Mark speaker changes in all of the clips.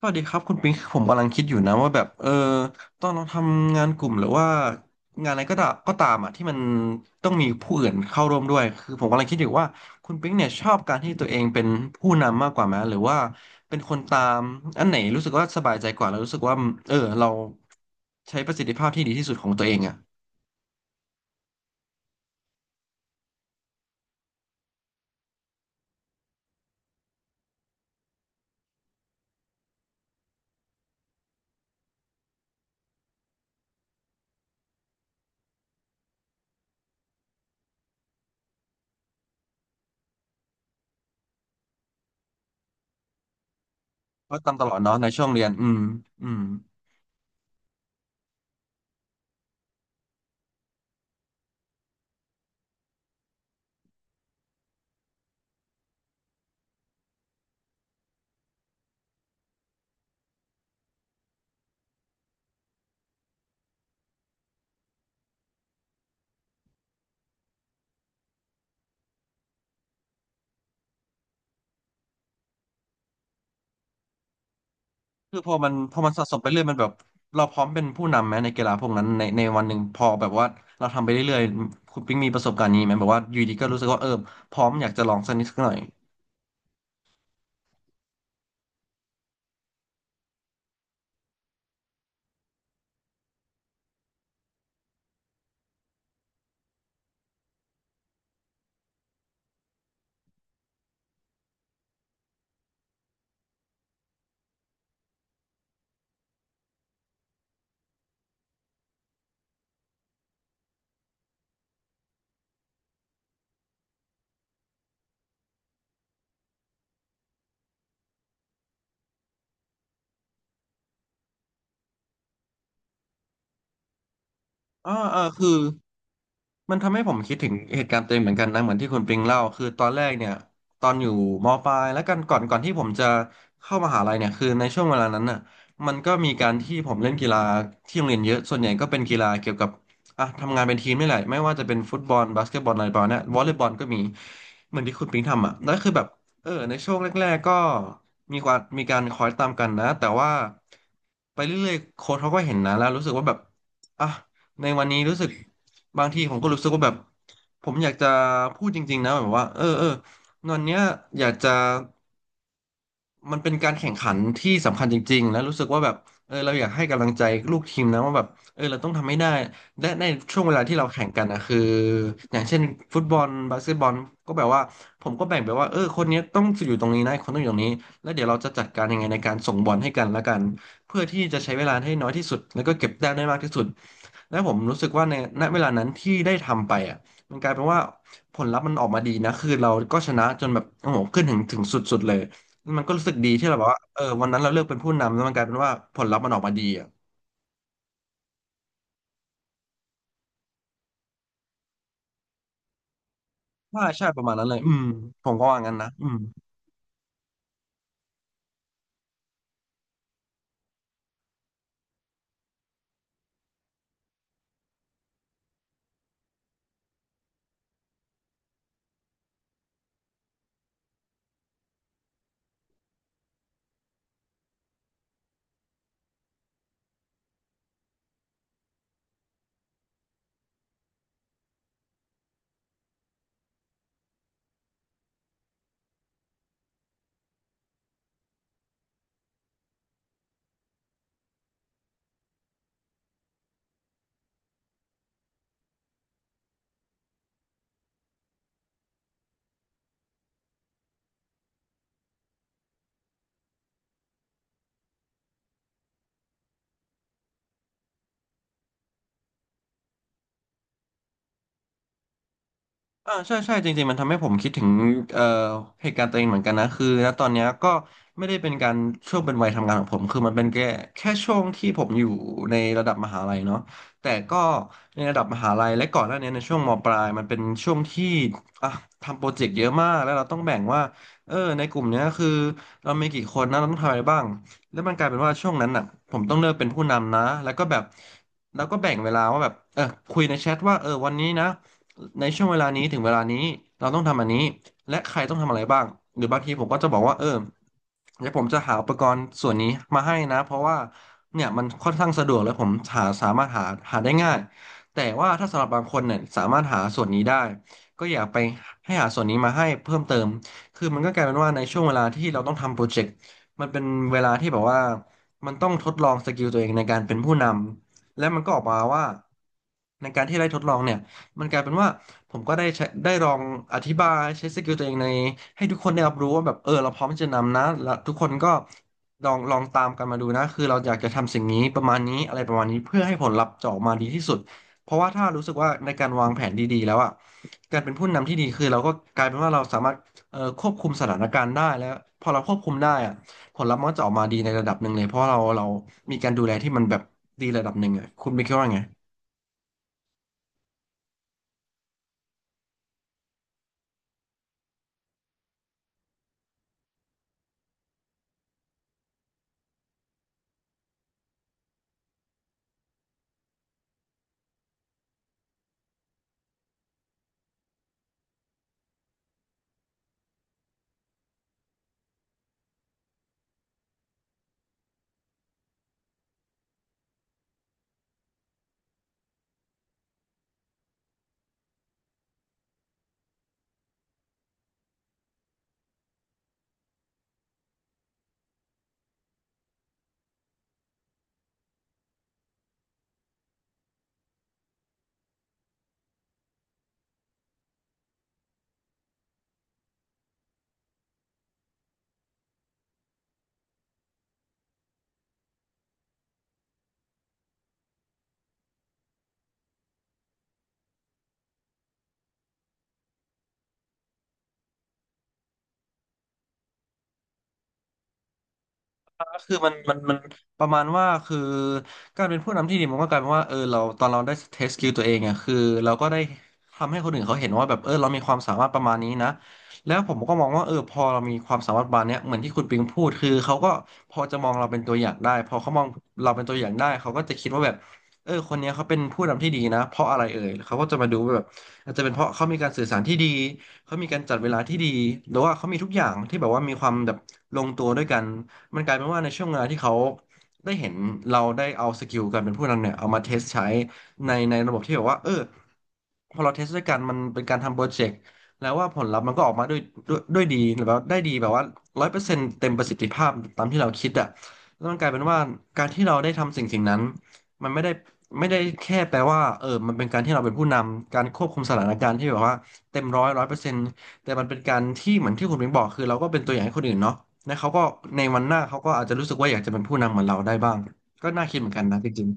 Speaker 1: สวัสดีครับคุณปิงผมกำลังคิดอยู่นะว่าแบบตอนเราทำงานกลุ่มหรือว่างานอะไรก็ตามอ่ะที่มันต้องมีผู้อื่นเข้าร่วมด้วยคือผมกำลังคิดอยู่ว่าคุณปิงเนี่ยชอบการที่ตัวเองเป็นผู้นำมากกว่าไหมหรือว่าเป็นคนตามอันไหนรู้สึกว่าสบายใจกว่าแล้วรู้สึกว่าเออเราใช้ประสิทธิภาะที่ดีที่สุดของตัวเองอ่ะเพราะตามตลอดเนาะในช่วงเรียนอืมอืม คือพอมันสะสมไปเรื่อยมันแบบเราพร้อมเป็นผู้นำไหมในกีฬาพวกนั้นในวันหนึ่งพอแบบว่าเราทำไปเรื่อยๆคุณปิ๊งมีประสบการณ์นี้ไหมแบบว่าอยู่ดีก็รู้สึกว่าเออพร้อมอยากจะลองสักนิดสักหน่อย เออคือมันทำให้ผมคิดถึงเหตุการณ์ตัวเองเหมือนกันนะเหมือนที่คุณปิงเล่าคือตอนแรกเนี่ยตอนอยู่มปลายแล้วกันก่อนที่ผมจะเข้ามหาลัยเนี่ยคือในช่วงเวลานั้นน่ะมันก็มีการที่ผมเล่นกีฬาที่โรงเรียนเยอะส่วนใหญ่ก็เป็นกีฬาเกี่ยวกับอ่ะทำงานเป็นทีมนี่แหละไม่ว่าจะเป็นฟุตบอลบาสเกตบอลอะไรประมาณเนี้ยวอลเลย์บอลก็มีเหมือนที่คุณปิงทำอ่ะแล้วคือแบบในช่วงแรกๆก็มีความมีการคอยตามกันนะแต่ว่าไปเรื่อยๆโค้ชเขาก็เห็นนะแล้วรู้สึกว่าแบบอ่ะ ในวันนี้รู้สึกบางทีผมก็รู้สึกว่าแบบผมอยากจะพูดจริงๆนะแบบว่าเออวันเนี้ยอยากจะมันเป็นการแข่งขันที่สำคัญจริงๆแล้วรู้สึกว่าแบบเออเราอยากให้กำลังใจลูกทีมนะว่าแบบเออเราต้องทำให้ได้และในช่วงเวลาที่เราแข่งกันนะคืออย่างเช่นฟุตบอลบาสเกตบอลก็แบบว่าผมก็แบ่งไปว่าเออคนเนี้ยต้องอยู่ตรงนี้นะคนต้องอยู่ตรงนี้แล้วเดี๋ยวเราจะจัดการยังไงในการส่งบอลให้กันละกัน เพื่อที่จะใช้เวลาให้น้อยที่สุดแล้วก็เก็บแต้มได้มากที่สุดและผมรู้สึกว่าในณเวลานั้นที่ได้ทำไปอ่ะมันกลายเป็นว่าผลลัพธ์มันออกมาดีนะคือเราก็ชนะจนแบบโอ้โหขึ้นถึงสุดๆเลยมันก็รู้สึกดีที่เราแบบว่าเออวันนั้นเราเลือกเป็นผู้นำแล้วมันกลายเป็นว่าผลลัพธ์มันออกมาดีอ่ะว่าใช่ประมาณนั้นเลยอืมผมก็ว่างั้นนะอืม อ่าใช่ใช่จริงๆมันทำให้ผมคิดถึงเอ่อเหตุการณ์ตัวเองเหมือนกันนะคือณตอนเนี้ยก็ไม่ได้เป็นการช่วงเป็นวัยทำงานของผมคือมันเป็นแค่ช่วงที่ผมอยู่ในระดับมหาลัยเนาะแต่ก็ในระดับมหาลัยและก่อนหน้านี้ในช่วงมปลายมันเป็นช่วงที่อ่ะทำโปรเจกต์เยอะมากแล้วเราต้องแบ่งว่าเออในกลุ่มเนี้ยคือเรามีกี่คนนะเราต้องทำอะไรบ้างแล้วมันกลายเป็นว่าช่วงนั้นอ่ะผมต้องเริ่มเป็นผู้นำนะแล้วก็แบบแบ่งเวลาว่าแบบเออคุยในแชทว่าเออวันนี้นะ ในช่วงเวลานี้ถึงเวลานี้เราต้องทำอันนี้และใครต้องทำอะไรบ้างหรือบางทีผมก็จะบอกว่าเออเดี๋ยวผมจะหาอุปกรณ์ส่วนนี้มาให้นะเพราะว่าเนี่ยมันค่อนข้างสะดวกและผมสามารถหาได้ง่ายแต่ว่าถ้าสำหรับบางคนเนี่ยสามารถหาส่วนนี้ได้ก็อย่าไปให้หาส่วนนี้มาให้เพิ่มเติมคือมันก็กลายเป็นว่าในช่วงเวลาที่เราต้องทำโปรเจกต์มันเป็นเวลาที่แบบว่ามันต้องทดลองสกิลตัวเองในการเป็นผู้นำและมันก็ออกมาว่าในการที่ได้ทดลองเนี่ย มันกลายเป็นว่าผมก็ได้ใช้ได้ลองอธิบายใช้สกิลตัวเองในให้ทุกคนได้รับรู้ว่าแบบเราพร้อมที่จะนำนะแล้วทุกคนก็ลองตามกันมาดูนะคือเราอยากจะทำสิ่งนี้ประมาณนี้อะไรประมาณนี้เพื่อให้ผลลัพธ์จะออกมาดีที่สุดเพราะว่าถ้ารู้สึกว่าในการวางแผนดีๆแล้วอ่ะการเป็นผู้นำที่ดีคือเราก็กลายเป็นว่าเราสามารถควบคุมสถานการณ์ได้แล้วพอเราควบคุมได้อ่ะผลลัพธ์มันก็จะออกมาดีในระดับหนึ่งเลยเพราะเรามีการดูแลที่มันแบบดีระดับหนึ่งอ่ะคุณไปคิดว่าไง ก็คือมันประมาณว่าคือการเป็นผู้นำที่ดีมันก็กลายเป็นว่าเราตอนเราได้เทสสกิลตัวเองอ่ะคือเราก็ได้ทำให้คนอื่นเขาเห็นว่าแบบเรามีความสามารถประมาณนี้นะแล้วผมก็มองว่าพอเรามีความสามารถประมาณเนี้ยเหมือนที่คุณปิงพูดคือเขาก็พอจะมองเราเป็นตัวอย่างได้พอเขามองเราเป็นตัวอย่างได้เขาก็จะคิดว่าแบบคนเนี้ยเขาเป็นผู้นำที่ดีนะเพราะอะไรเอ่ยเขาก็จะมาดูว่าแบบอาจจะเป็นเพราะเขามีการสื่อสารที่ดีเขามีการจัดเวลาที่ดีหรือว่าเขามีทุกอย่างที่แบบว่ามีความแบบลงตัวด้วยกัน มันกลายเป็นว่าในช่วงเวลาที่เขาได้เห็นเราได้เอาสกิลการเป็นผู้นำเนี่ยเอามาเทสใช้ในระบบที่แบบว่าพอเราเทสด้วยกันมันเป็นการทำโปรเจกต์แล้วว่าผลลัพธ์มันก็ออกมาด้วยดีหรือว่าได้ดีแบบว่าร้อยเปอร์เซ็นต์เต็มประสิทธิภาพตามที่เราคิดอะแล้วมันกลายเป็นว่าการที่เราได้ทำสิ่งนั้นมันไม่ได้แค่แปลว่ามันเป็นการที่เราเป็นผู้นำการควบคุมสถานการณ์ที่แบบว่าเต็มร้อยเปอร์เซ็นต์ แต่มันเป็นการที่เหมือนที่คุณเบงบอกคือเราก็เป็นตัวอย่างให้คนอื่นเนาะและเขาก็ในวันหน้าเขาก็อาจจะรู้สึกว่าอยากจะเป็นผู้นำเหมือนเราได้บ้างก็น่าคิดเหมือนกันนะจริง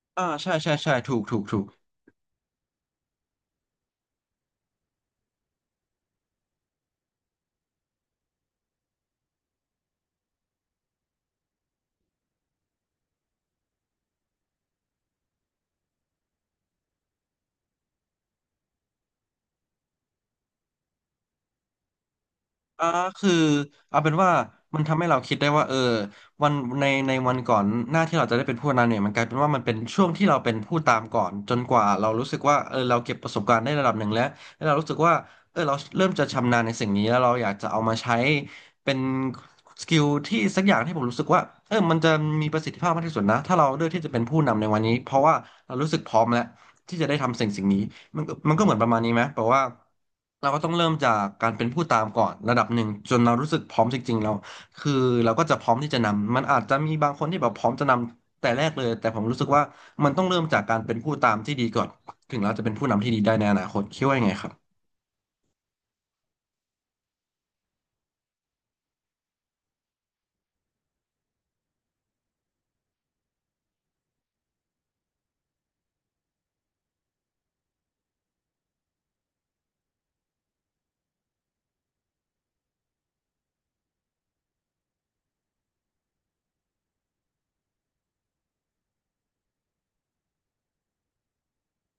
Speaker 1: ๆอ่าใช่ใช่ใช่ถูกถูกถูก อ่าคือเอาเป็นว่ามันทำให้เราคิดได้ว่าวันในในวันก่อนหน้าที่เราจะได้เป็นผู้นำเนี่ยมันกลายเป็นว่ามันเป็นช่วงที่เราเป็นผู้ตามก่อนจนกว่าเรารู้สึกว่าเราเก็บประสบการณ์ได้ระดับหนึ่งแล้วแล้วเรารู้สึกว่าเราเริ่มจะชำนาญในสิ่งนี้แล้วเราอยากจะเอามาใช้เป็นสกิลที่สักอย่างที่ผมรู้สึกว่ามันจะมีประสิทธิภาพมากที่สุดนะถ้าเราเลือกที่จะเป็นผู้นำในวันนี้เพราะว่าเรารู้สึกพร้อมแล้วที่จะได้ทำสิ่งสิ่งนี้ มันก็เหมือนประมาณนี้ไหมแปลว่าเราก็ต้องเริ่มจากการเป็นผู้ตามก่อนระดับหนึ่งจนเรารู้สึกพร้อมจริงๆเราคือเราก็จะพร้อมที่จะนำมันอาจจะมีบางคนที่แบบพร้อมจะนำแต่แรกเลยแต่ผมรู้สึกว่ามันต้องเริ่มจากการเป็นผู้ตามที่ดีก่อนถึงเราจะเป็นผู้นำที่ดีได้ในอนาคตคิดว่ายังไงครับ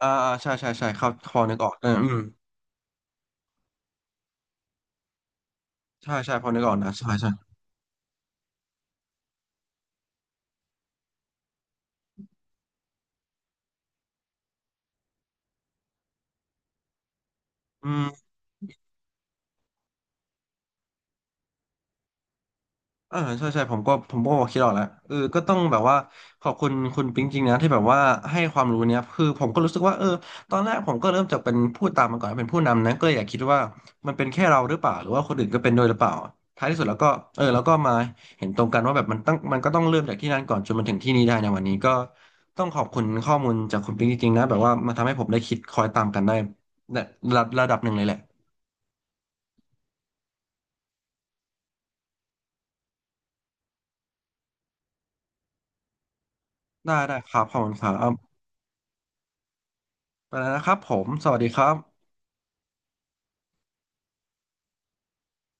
Speaker 1: อ่าอ่าใช่ใช่ใช่เขาพอนึกออกอืมใช่ใช่พอนึกออกนะใช่ใช่อืม เออใช่ใช่ผมก็คิดออกแล้วก็ต้องแบบว่าขอบคุณคุณปิ๊งจริงนะที่แบบว่าให้ความรู้เนี้ยคือผมก็รู้สึกว่าตอนแรกผมก็เริ่มจากเป็นผู้ตามมาก่อนเป็นผู้นำนะก็เลยอยากคิดว่ามันเป็นแค่เราหรือเปล่าหรือว่าคนอื่นก็เป็นด้วยหรือเปล่าท้ายที่สุดแล้วก็แล้วก็มาเห็นตรงกันว่าแบบมันก็ต้องเริ่มจากที่นั่นก่อนจนมาถึงที่นี่ได้ในวันนี้ก็ต้องขอบคุณข้อมูลจากคุณปิ๊งจริงๆนะแบบว่ามันทำให้ผมได้คิดคอยตามกันได้รระดับหนึ่งเลยแหละได้ได้ครับขอบคุณครับเอาไปแล้วนะครับผมสวัสดีครับ